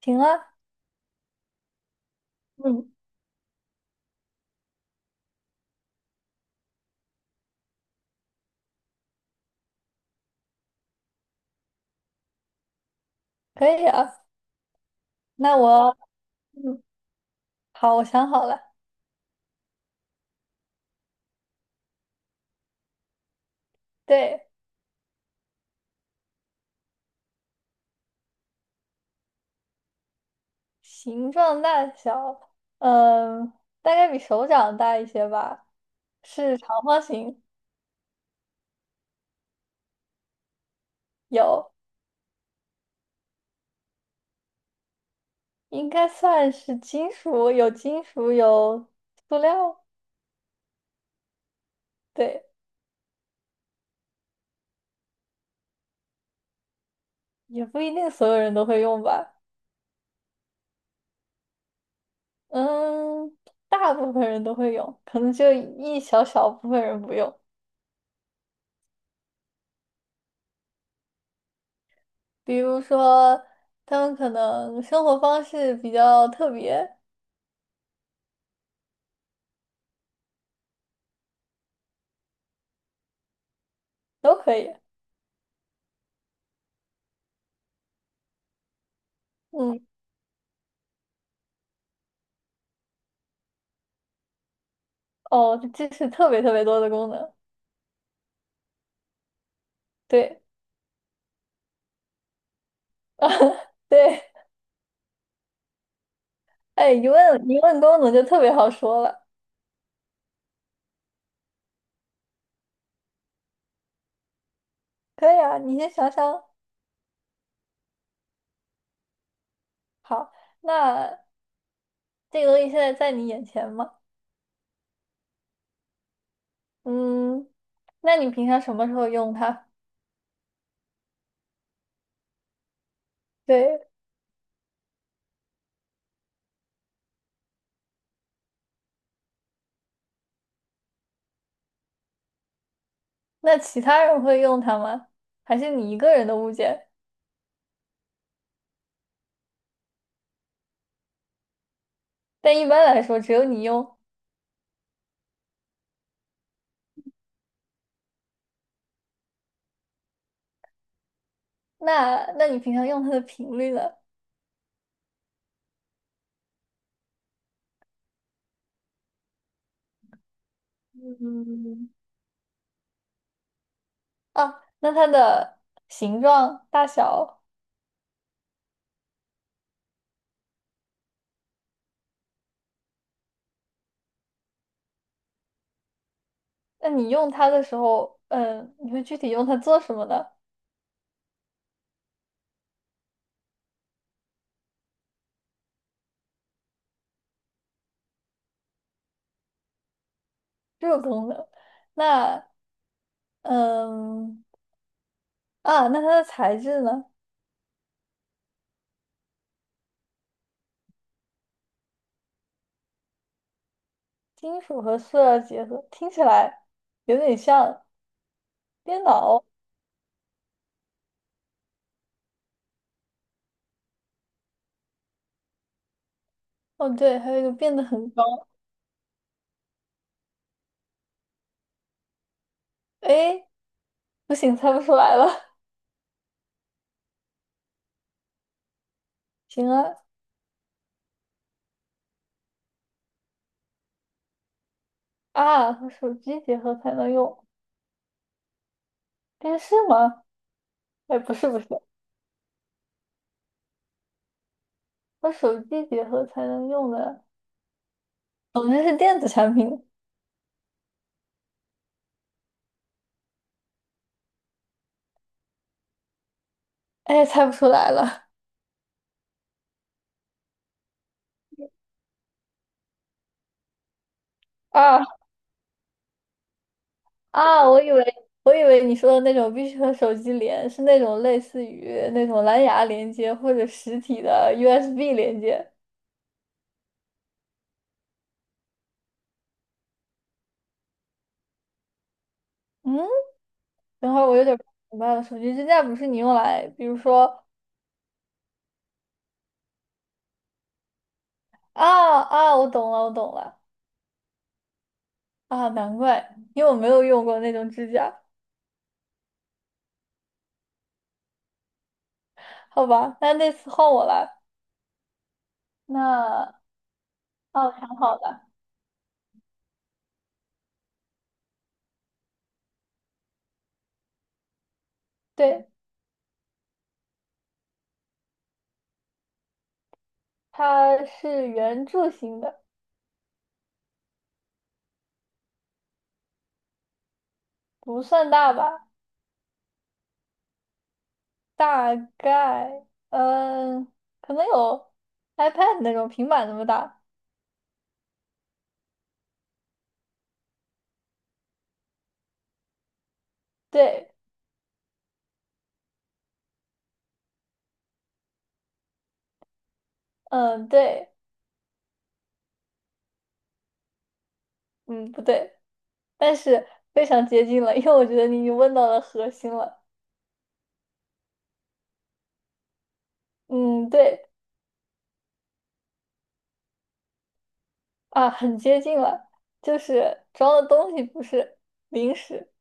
行啊，嗯可以啊。那我，嗯，好，我想好了，对，形状大小，嗯，大概比手掌大一些吧，是长方形，有，应该算是金属，有金属，有塑料，对，也不一定所有人都会用吧，嗯，大部分人都会用，可能就一小小部分人不用，比如说他们可能生活方式比较特别，都可以。嗯，哦，这是特别特别多的功能，对，对，哎，一问功能就特别好说了。可以啊，你先想想。好，那这个东西现在在你眼前吗？嗯，那你平常什么时候用它？对，那其他人会用它吗？还是你一个人的物件？但一般来说，只有你用。那你平常用它的频率呢？嗯，啊，那它的形状、大小。那你用它的时候，嗯，你会具体用它做什么呢？这个功能，那嗯那它的材质呢？金属和塑料结合，听起来有点像电脑。哦，对，还有一个变得很高。哎，不行，猜不出来了。行啊，啊，和手机结合才能用电视吗？哎，不是，和手机结合才能用的，总之是电子产品。哎，猜不出来了。啊。啊，我以为你说的那种必须和手机连，是那种类似于那种蓝牙连接或者实体的 USB 连接。嗯，等会儿我有点不明白了，手机支架不是你用来，比如说啊，我懂了啊，难怪，因为我没有用过那种支架。好吧，那次换我来，那哦，挺好的，对，它是圆柱形的，不算大吧，大概，嗯，可能有 iPad 那种平板那么大。对，嗯，对，嗯，不对，但是非常接近了，因为我觉得你已经问到了核心了。嗯，对，啊，很接近了，就是装的东西不是零食，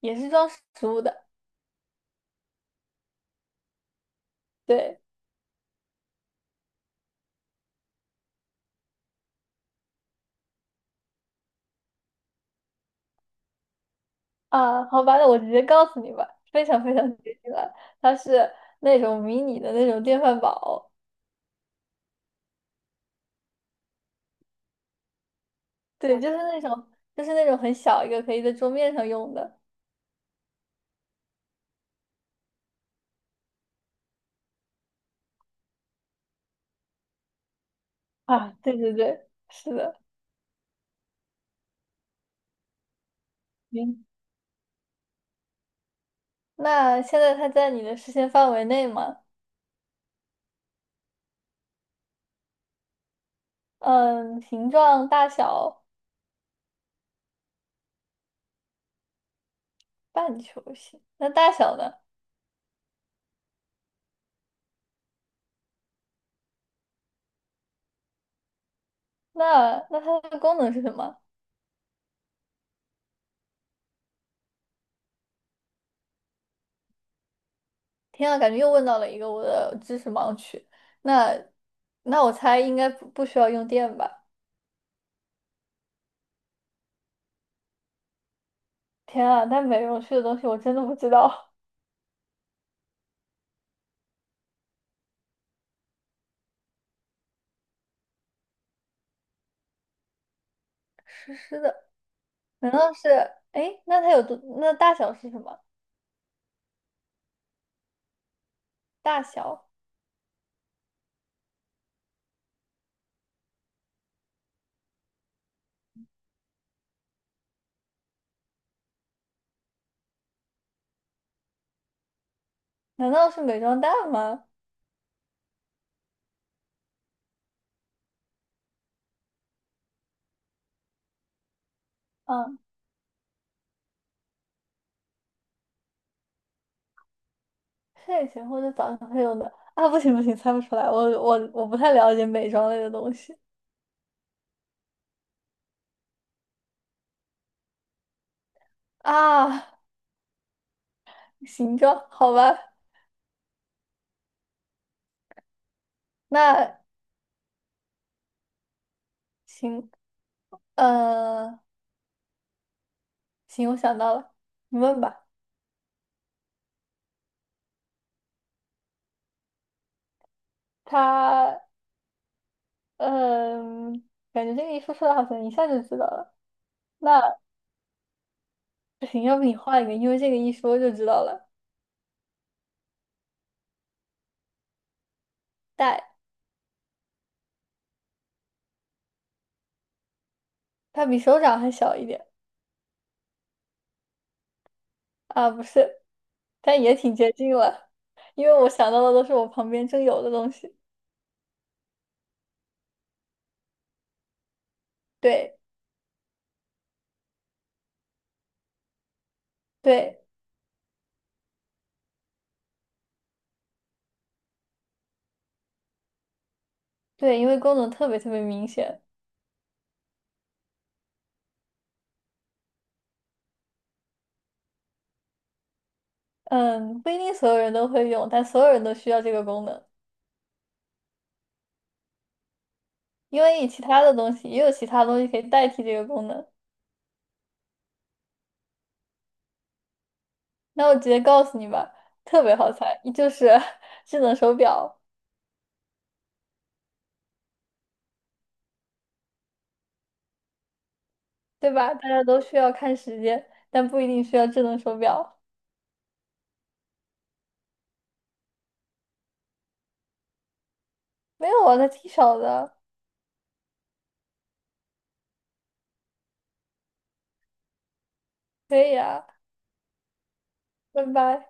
也是装食物的。对，啊，好吧，那我直接告诉你吧，非常非常接近了，它是那种迷你的那种电饭煲，对，就是那种，就是那种很小一个，可以在桌面上用的。啊，对对对，是的。行，那现在它在你的视线范围内吗？嗯，形状大小半球形。那大小呢？那它的功能是什么？天啊，感觉又问到了一个我的知识盲区。那那我猜应该不需要用电吧？天啊，那美容区的东西我真的不知道。湿湿的，难道是？哎，那它有多？那大小是什么？大小？难道是美妆蛋吗？嗯。睡前或者早上会用的啊，不行，猜不出来，我不太了解美妆类的东西啊。行妆，好吧，那行，呃，行，我想到了，你问吧。它，嗯、感觉这个一说出来好像一下就知道了。那不行，要不你换一个，因为这个一说就知道了。戴，它比手掌还小一点啊，不是，但也挺接近了，因为我想到的都是我旁边正有的东西。对对。对，因为功能特别特别明显。嗯，不一定所有人都会用，但所有人都需要这个功能，因为你其他的东西也有其他东西可以代替这个功能。那我直接告诉你吧，特别好猜，就是 智能手表，对吧？大家都需要看时间，但不一定需要智能手表。没有啊，那挺少的。可以啊，拜拜。